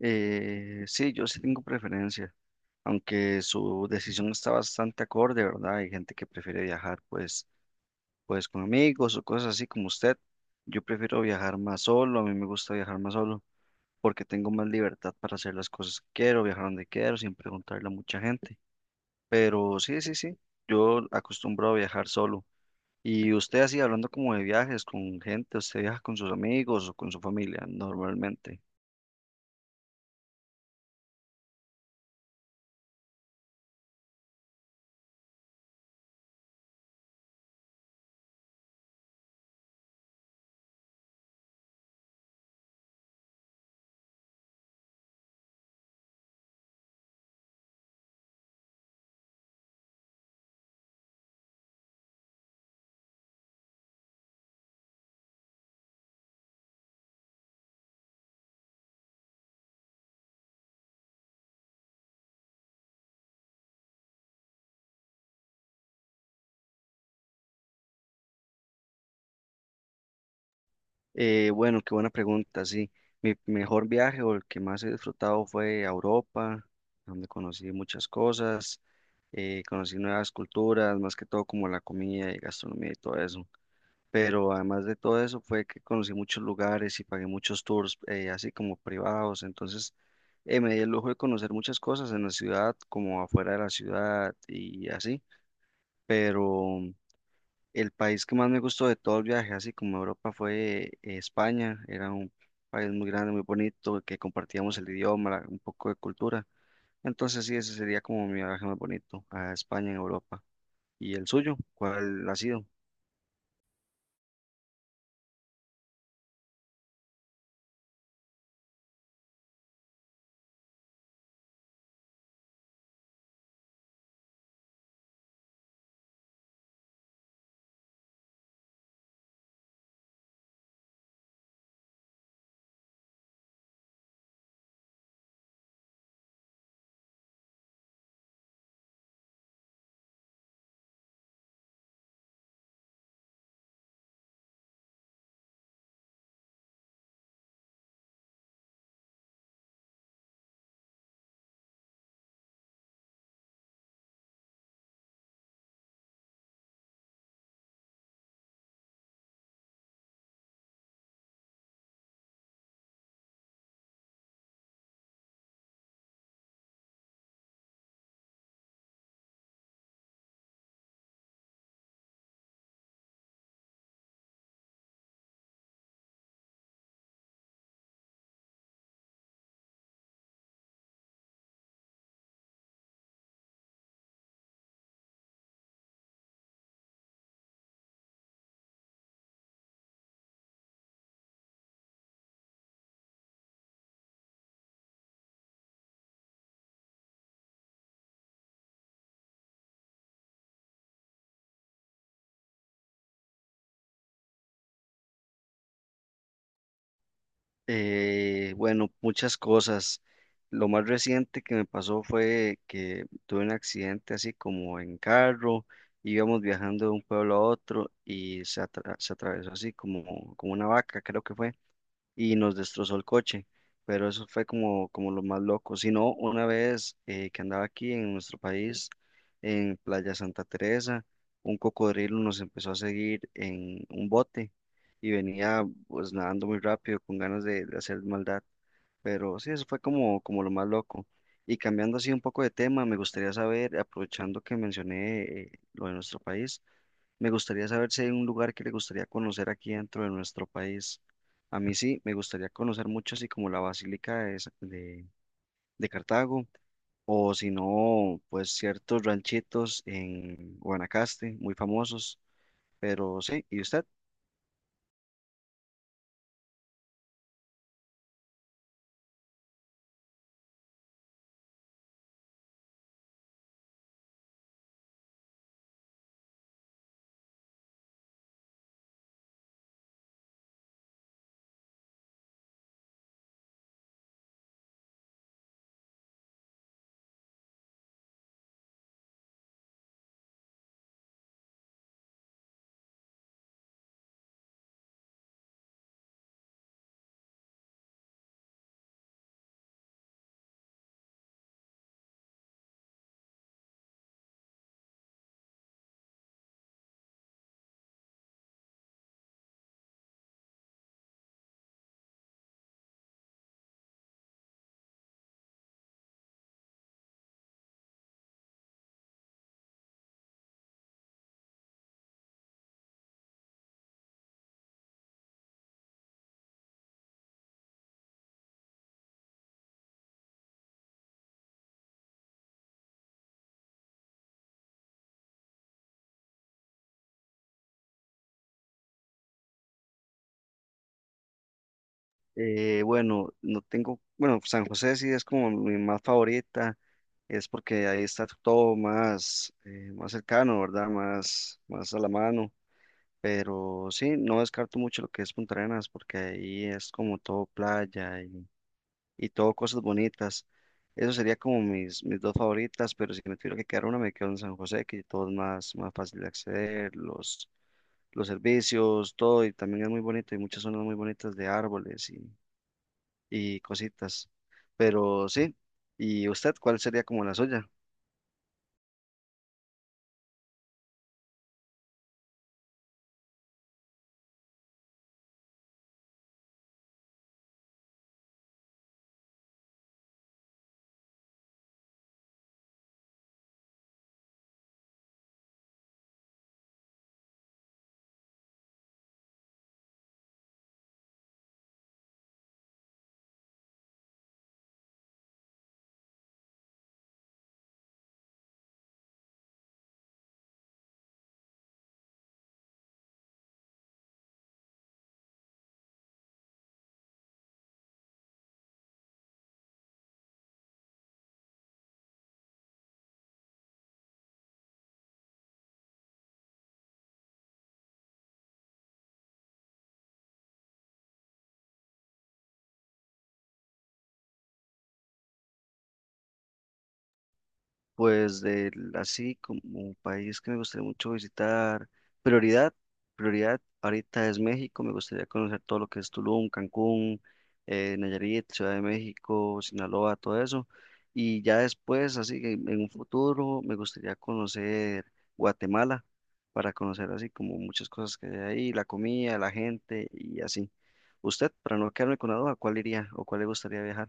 Sí, yo sí tengo preferencia, aunque su decisión está bastante acorde, ¿verdad? Hay gente que prefiere viajar pues, pues con amigos o cosas así como usted. Yo prefiero viajar más solo, a mí me gusta viajar más solo porque tengo más libertad para hacer las cosas que quiero, viajar donde quiero, sin preguntarle a mucha gente. Pero sí, sí, sí, yo acostumbro a viajar solo. Y usted así, hablando como de viajes con gente, ¿usted viaja con sus amigos o con su familia normalmente? Bueno, qué buena pregunta, sí. Mi mejor viaje o el que más he disfrutado fue a Europa, donde conocí muchas cosas, conocí nuevas culturas, más que todo como la comida y gastronomía y todo eso. Pero además de todo eso fue que conocí muchos lugares y pagué muchos tours, así como privados. Entonces, me di el lujo de conocer muchas cosas en la ciudad, como afuera de la ciudad y así. Pero el país que más me gustó de todo el viaje, así como Europa, fue España. Era un país muy grande, muy bonito, que compartíamos el idioma, un poco de cultura. Entonces sí, ese sería como mi viaje más bonito a España en Europa. ¿Y el suyo? ¿Cuál ha sido? Bueno, muchas cosas. Lo más reciente que me pasó fue que tuve un accidente así como en carro, íbamos viajando de un pueblo a otro y se atravesó así como, como una vaca, creo que fue. Y nos destrozó el coche, pero eso fue como, como lo más loco. Si no, una vez que andaba aquí en nuestro país, en Playa Santa Teresa, un cocodrilo nos empezó a seguir en un bote y venía pues nadando muy rápido con ganas de hacer maldad, pero sí, eso fue como, como lo más loco. Y cambiando así un poco de tema, me gustaría saber, aprovechando que mencioné lo de nuestro país, me gustaría saber si hay un lugar que le gustaría conocer aquí dentro de nuestro país. A mí sí, me gustaría conocer mucho, así como la Basílica de Cartago, o si no, pues ciertos ranchitos en Guanacaste, muy famosos. Pero sí, ¿y usted? Bueno, no tengo, bueno, San José sí es como mi más favorita, es porque ahí está todo más, más cercano, ¿verdad? Más, más a la mano. Pero sí, no descarto mucho lo que es Punta Arenas, porque ahí es como todo playa y todo cosas bonitas. Eso sería como mis, mis dos favoritas, pero si me tuviera que quedar una, me quedo en San José, que todo es más, más fácil de acceder, los servicios, todo, y también es muy bonito, y muchas zonas muy bonitas de árboles y cositas. Pero sí, ¿y usted cuál sería como la suya? Pues así como un país que me gustaría mucho visitar, prioridad, prioridad ahorita es México, me gustaría conocer todo lo que es Tulum, Cancún, Nayarit, Ciudad de México, Sinaloa, todo eso. Y ya después, así que en un futuro, me gustaría conocer Guatemala para conocer así como muchas cosas que hay ahí, la comida, la gente y así. Usted, para no quedarme con la duda, ¿cuál iría o cuál le gustaría viajar?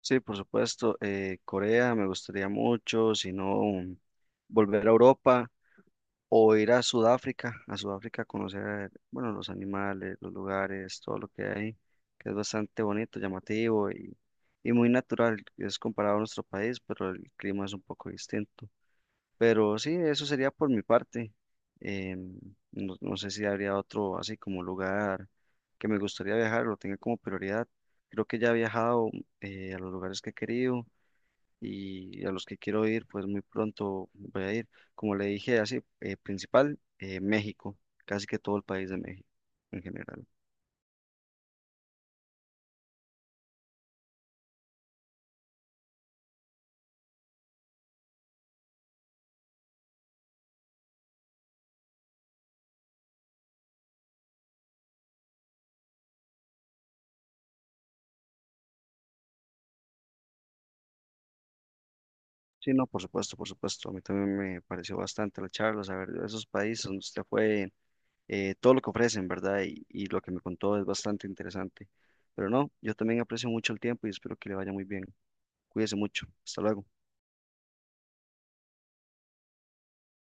Sí, por supuesto. Corea me gustaría mucho, si no, volver a Europa o ir a Sudáfrica, a Sudáfrica a conocer, bueno, los animales, los lugares, todo lo que hay, que es bastante bonito, llamativo y muy natural. Es comparado a nuestro país, pero el clima es un poco distinto. Pero sí, eso sería por mi parte. em, no, no sé si habría otro así como lugar que me gustaría viajar, lo tenga como prioridad. Creo que ya he viajado a los lugares que he querido y a los que quiero ir, pues muy pronto voy a ir. Como le dije, así, principal, México, casi que todo el país de México en general. Sí, no, por supuesto, por supuesto. A mí también me pareció bastante la charla, saber de esos países donde usted fue, todo lo que ofrecen, ¿verdad? Y lo que me contó es bastante interesante. Pero no, yo también aprecio mucho el tiempo y espero que le vaya muy bien. Cuídese mucho. Hasta luego.